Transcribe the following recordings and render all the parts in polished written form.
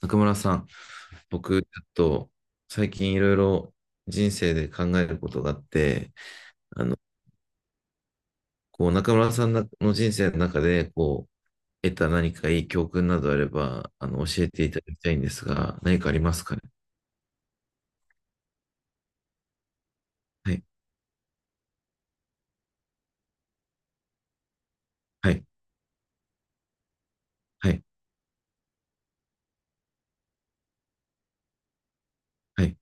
中村さん、僕、ちょっと最近いろいろ人生で考えることがあって、あの、こう、中村さんの人生の中で、こう、得た何かいい教訓などあれば、あの、教えていただきたいんですが、何かありますかね？はい、はい、はい、はい、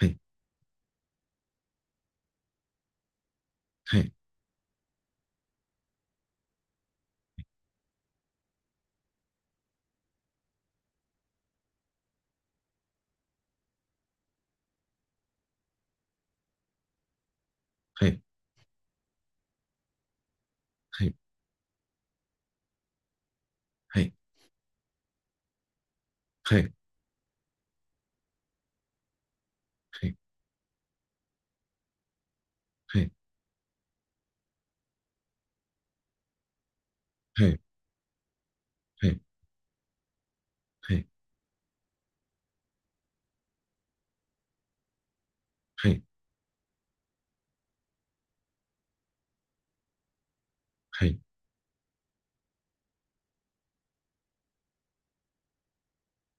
はい、はい、はい、はい、はい、はい、はい、はい、はい、はい、はい、はい、はい、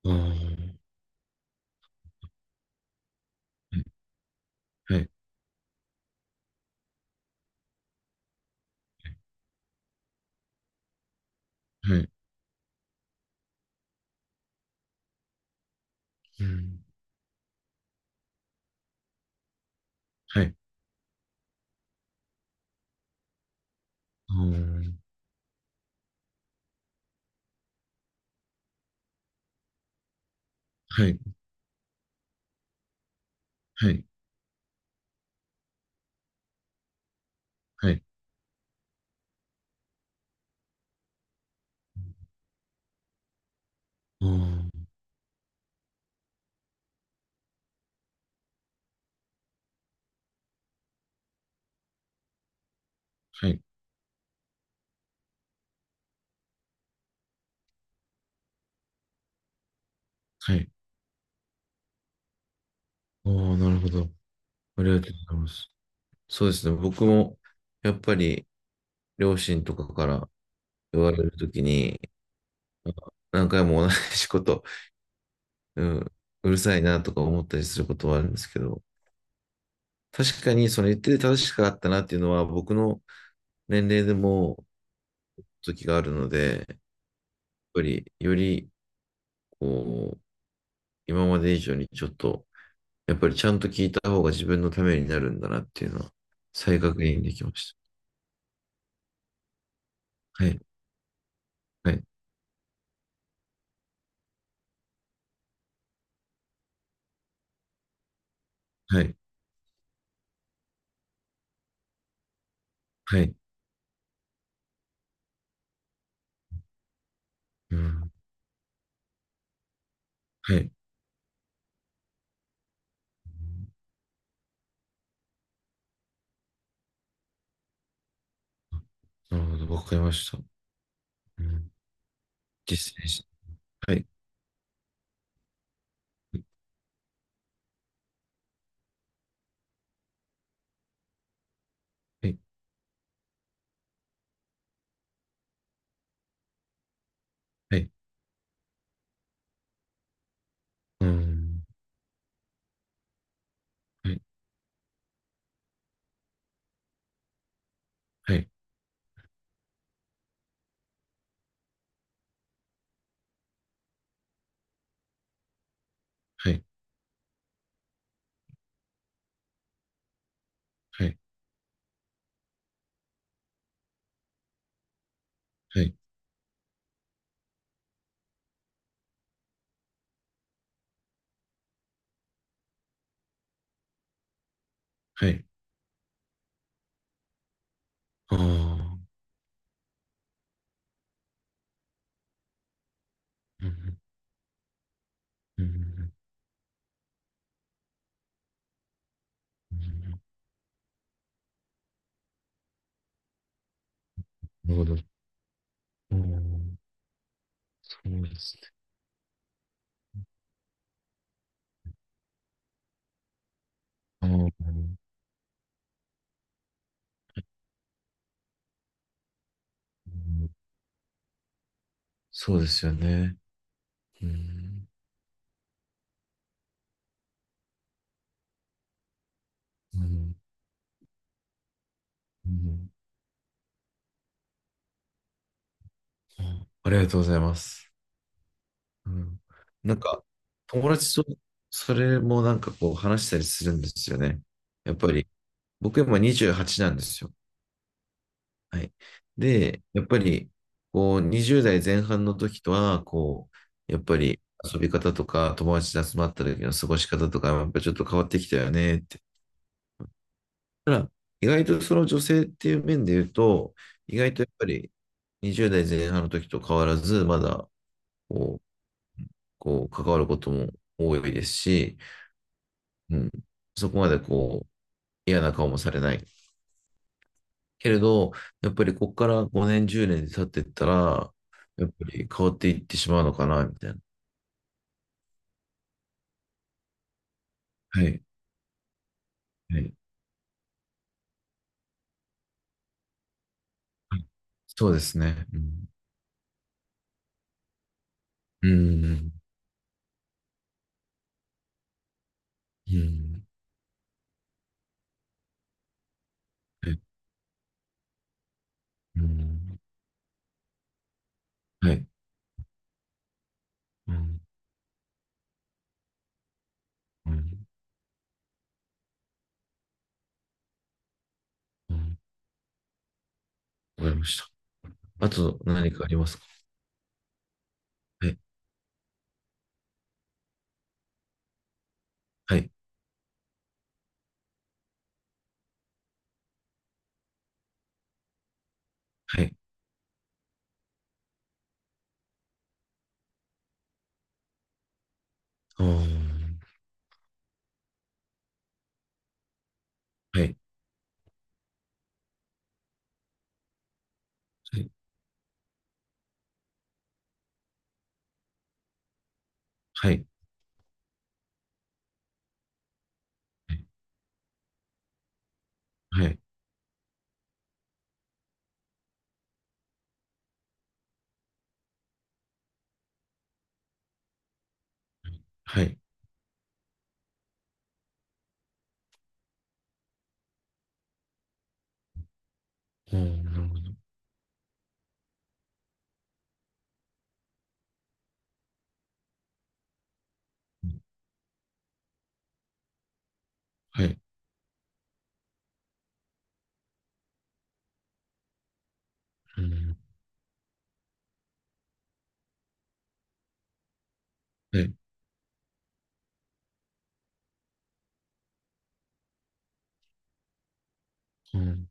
あー、はい、はい、はい、うん、はい、あー、はい、はい、はい、はい、あー、はい。はい。おー、なるほど。ありがとうございます。そうですね。僕も、やっぱり、両親とかから言われるときに、あ、何回も同じこと、うん、うるさいなとか思ったりすることはあるんですけど、確かに、その言ってて正しかったなっていうのは、僕の年齢でも、時があるので、やっぱり、より、こう、今まで以上にちょっと、やっぱりちゃんと聞いた方が自分のためになるんだなっていうのは、再確認できました。はい。はい。はい。はい。うん。はい。なるほど、わかりました。うん。実践し、はい。はい。はい。うん。はい。はい。はい。はい。はい。はい。ああ。うん。うん。うん、なるほど。うん。そうですね。ああ。うん、そうですよね。うん。うん。うん、あ、ありがとうございます。うん。なんか、友達とそれもなんかこう話したりするんですよね。やっぱり、僕今28なんですよ。はい。で、やっぱり、こう、20代前半の時とは、こう、やっぱり遊び方とか、友達で集まった時の過ごし方とか、やっぱりちょっと変わってきたよねって。ただ、意外とその女性っていう面で言うと、意外とやっぱり20代前半の時と変わらず、まだこう、こう関わることも多いですし、うん。そこまでこう、嫌な顔もされない。けれど、やっぱりここから5年、10年経っていったら、やっぱり変わっていってしまうのかな、みたいな。はい。はい。はい、そうですね。うん。うん。うん。はい、うん。はい。うん。うん。うん、わかりました。あと何かありますか？はい。はい。はい。あー、はい。はい。はい。はい。はい。はい、あー、なるほど。はい。うん。はい。うん。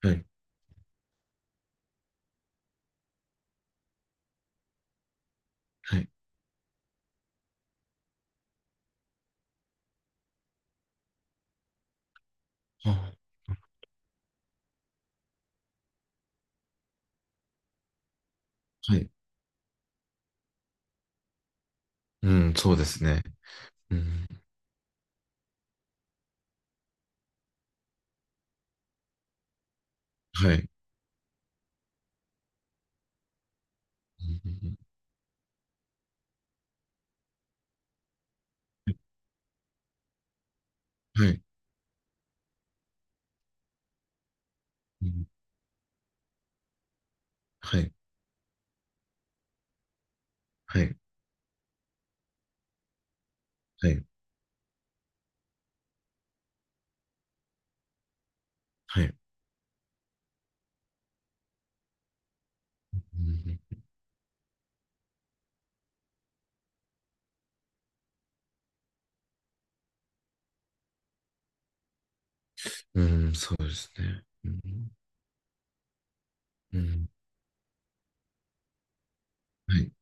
はい。はい。あ、はい。うん、そうですね。うん、はい。うん、はい。うん、はい。はい。はい。はい。うん、うん、そうですね。うん、うん、はい。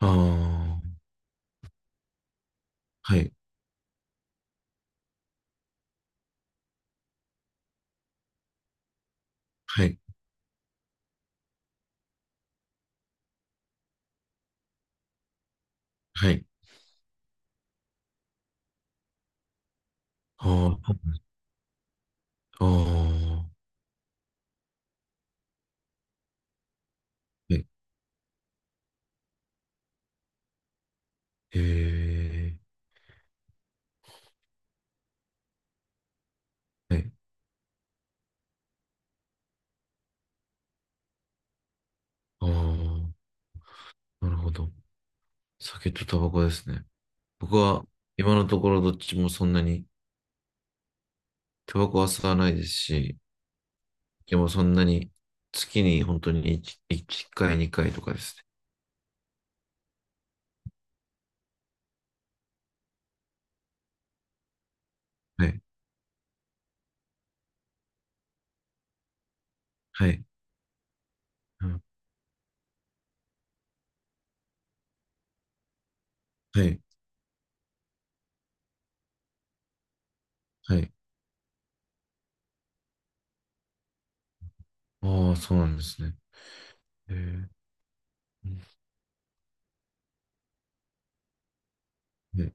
ああ、はい。はい。はい。ああ、ああ、はい。えー、はい。ああ、なるほど。酒とタバコですね。僕は今のところどっちもそんなにタバコは吸わないですし、でもそんなに、月に本当に 1, 一回、2回とかですね。はい。はい。うん、はい。はい。ああ、そうなんですね。へえ、うん、はい